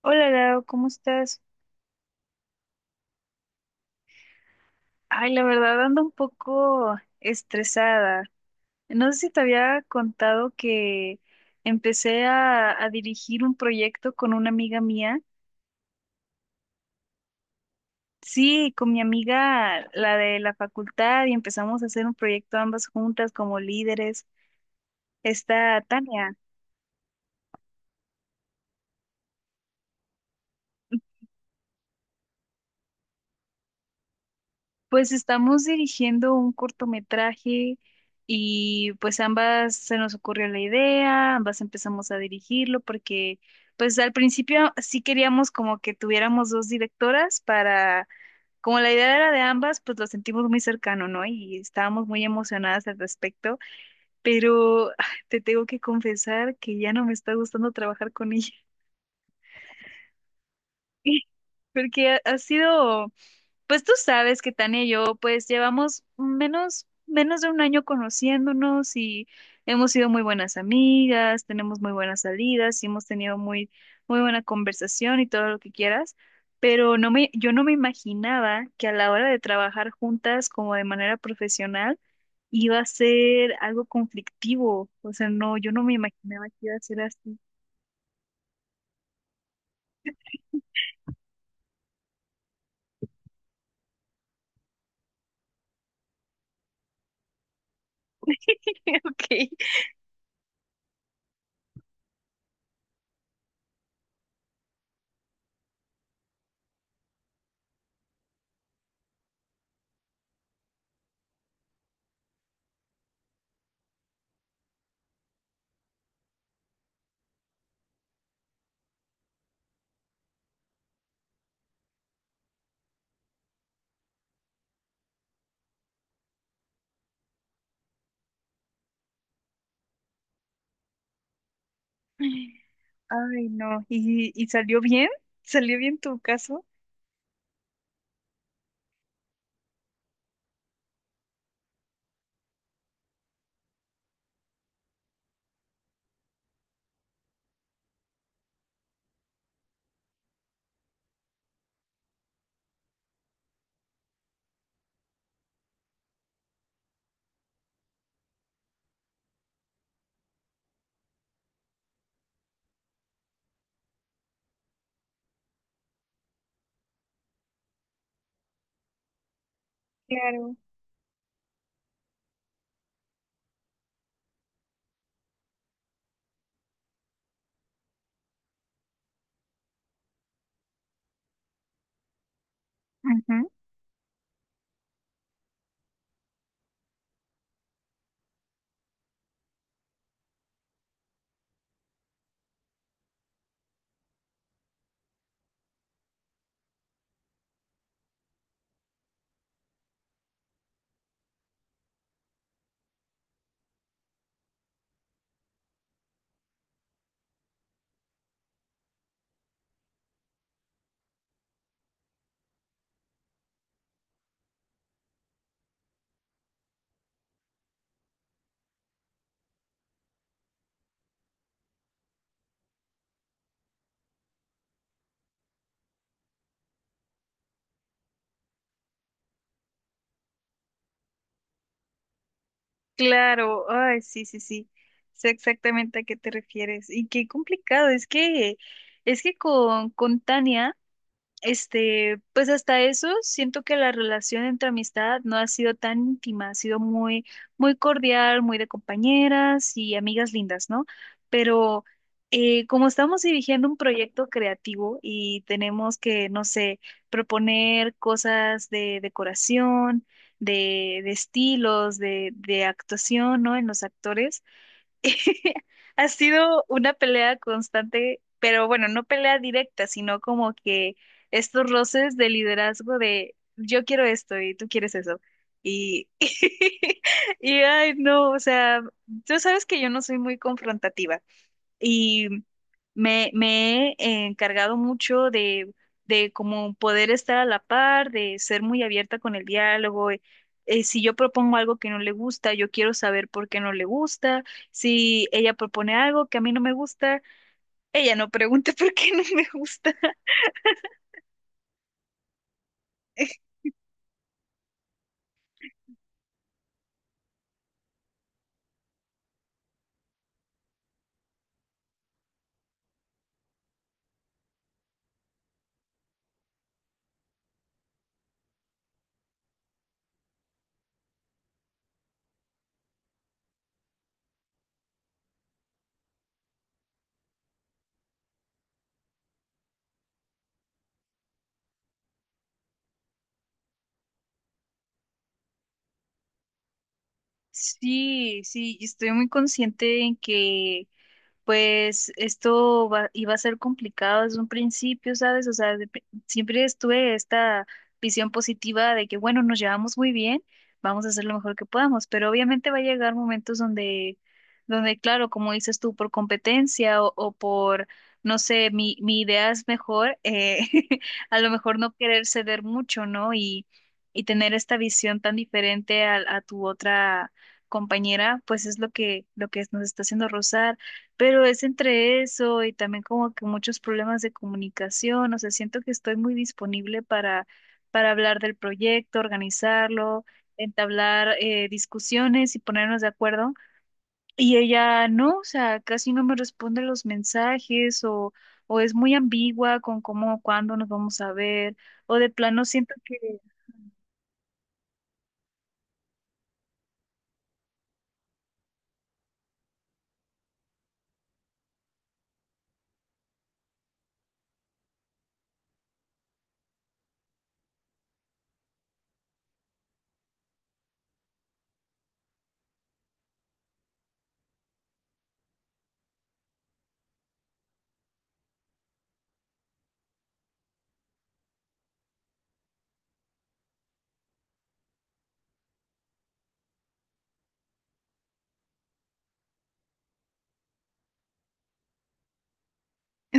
Hola Lau, ¿cómo estás? Ay, la verdad ando un poco estresada. No sé si te había contado que empecé a dirigir un proyecto con una amiga mía. Sí, con mi amiga, la de la facultad, y empezamos a hacer un proyecto ambas juntas como líderes. Está Tania. Pues estamos dirigiendo un cortometraje y pues ambas se nos ocurrió la idea, ambas empezamos a dirigirlo porque pues al principio sí queríamos como que tuviéramos dos directoras para, como la idea era de ambas, pues lo sentimos muy cercano, ¿no? Y estábamos muy emocionadas al respecto, pero te tengo que confesar que ya no me está gustando trabajar con ella. Porque ha sido... Pues tú sabes que Tania y yo pues llevamos menos de un año conociéndonos y hemos sido muy buenas amigas, tenemos muy buenas salidas y hemos tenido muy buena conversación y todo lo que quieras, pero yo no me imaginaba que a la hora de trabajar juntas como de manera profesional iba a ser algo conflictivo. O sea, no, yo no me imaginaba que iba a ser así. Ok. Ay, no. Y salió bien? ¿Salió bien tu caso? Claro, ujú, claro, ay, sí, sí, sí, sé exactamente a qué te refieres. Y qué complicado, es que con Tania. Este, pues hasta eso, siento que la relación entre amistad no ha sido tan íntima, ha sido muy cordial, muy de compañeras y amigas lindas, ¿no? Pero como estamos dirigiendo un proyecto creativo y tenemos que, no sé, proponer cosas de decoración, de estilos, de actuación, ¿no? En los actores. Ha sido una pelea constante, pero bueno, no pelea directa, sino como que estos roces de liderazgo de yo quiero esto y tú quieres eso. Y, y ay, no, o sea, tú sabes que yo no soy muy confrontativa y me he encargado mucho de como poder estar a la par, de ser muy abierta con el diálogo. Si yo propongo algo que no le gusta, yo quiero saber por qué no le gusta. Si ella propone algo que a mí no me gusta, ella no pregunta por qué no me gusta. Sí, sí, y estoy muy consciente en que pues iba a ser complicado desde un principio, ¿sabes? O sea, siempre estuve esta visión positiva de que, bueno, nos llevamos muy bien, vamos a hacer lo mejor que podamos, pero obviamente va a llegar momentos donde claro, como dices tú, por competencia o por, no sé, mi idea es mejor, a lo mejor no querer ceder mucho, ¿no? Y tener esta visión tan diferente a tu otra compañera, pues es lo que nos está haciendo rozar. Pero es entre eso y también como que muchos problemas de comunicación, o sea, siento que estoy muy disponible para hablar del proyecto, organizarlo, entablar discusiones y ponernos de acuerdo. Y ella no, o sea, casi no me responde los mensajes o es muy ambigua con cómo, cuándo nos vamos a ver, o de plano siento que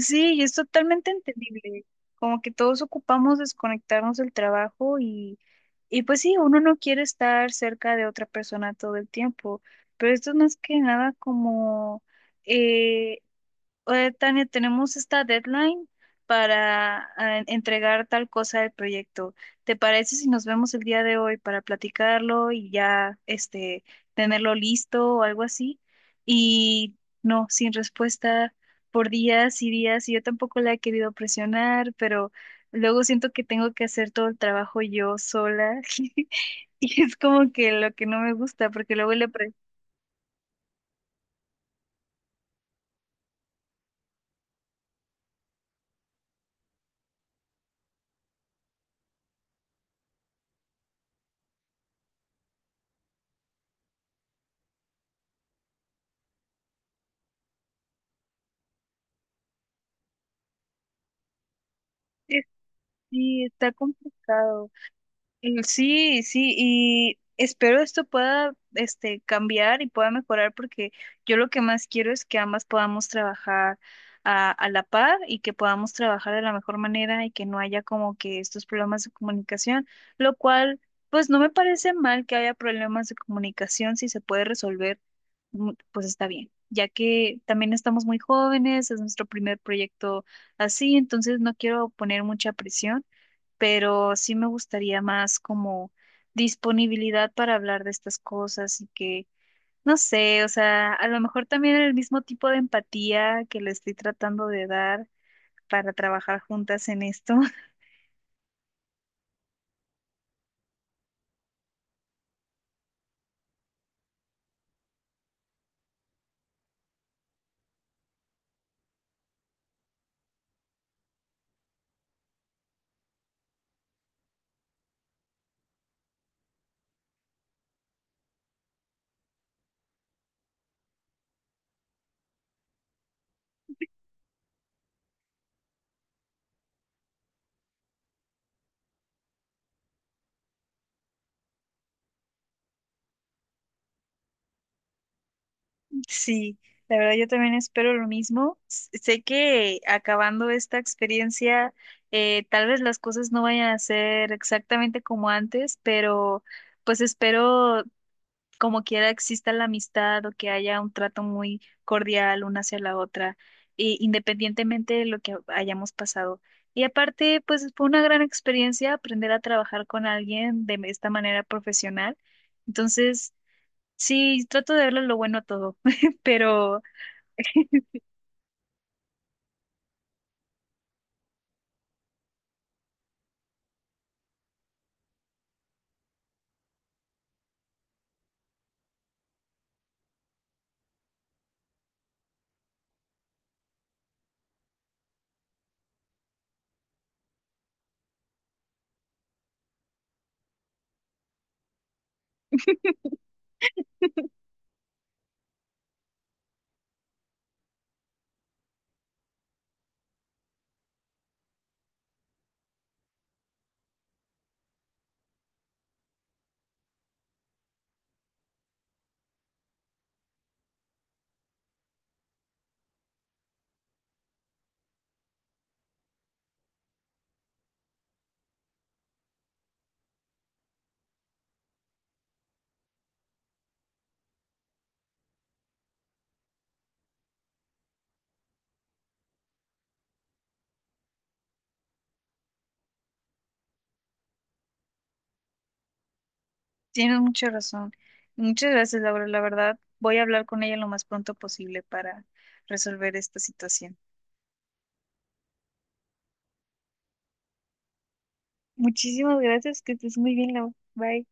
sí, y es totalmente entendible. Como que todos ocupamos desconectarnos del trabajo y pues sí, uno no quiere estar cerca de otra persona todo el tiempo, pero esto es más que nada como eh, Tania, tenemos esta deadline para entregar tal cosa del proyecto. ¿Te parece si nos vemos el día de hoy para platicarlo y ya este tenerlo listo o algo así? Y no, sin respuesta por días y días, y yo tampoco la he querido presionar, pero luego siento que tengo que hacer todo el trabajo yo sola. Y es como que lo que no me gusta, porque luego sí, está complicado. Mm, sí, sí, y espero esto pueda, este, cambiar y pueda mejorar porque yo lo que más quiero es que ambas podamos trabajar a la par y que podamos trabajar de la mejor manera y que no haya como que estos problemas de comunicación, lo cual, pues no me parece mal que haya problemas de comunicación si se puede resolver, mm, pues está bien, ya que también estamos muy jóvenes, es nuestro primer proyecto así, entonces no quiero poner mucha presión pero sí me gustaría más como disponibilidad para hablar de estas cosas y que, no sé, o sea, a lo mejor también el mismo tipo de empatía que le estoy tratando de dar para trabajar juntas en esto. Sí, la verdad yo también espero lo mismo. Sé que acabando esta experiencia, tal vez las cosas no vayan a ser exactamente como antes, pero pues espero como quiera exista la amistad o que haya un trato muy cordial una hacia la otra, independientemente de lo que hayamos pasado. Y aparte, pues fue una gran experiencia aprender a trabajar con alguien de esta manera profesional. Entonces, sí, trato de verle lo bueno a todo, pero tienes mucha razón. Muchas gracias, Laura. La verdad, voy a hablar con ella lo más pronto posible para resolver esta situación. Muchísimas gracias, que estés muy bien, Laura. Bye.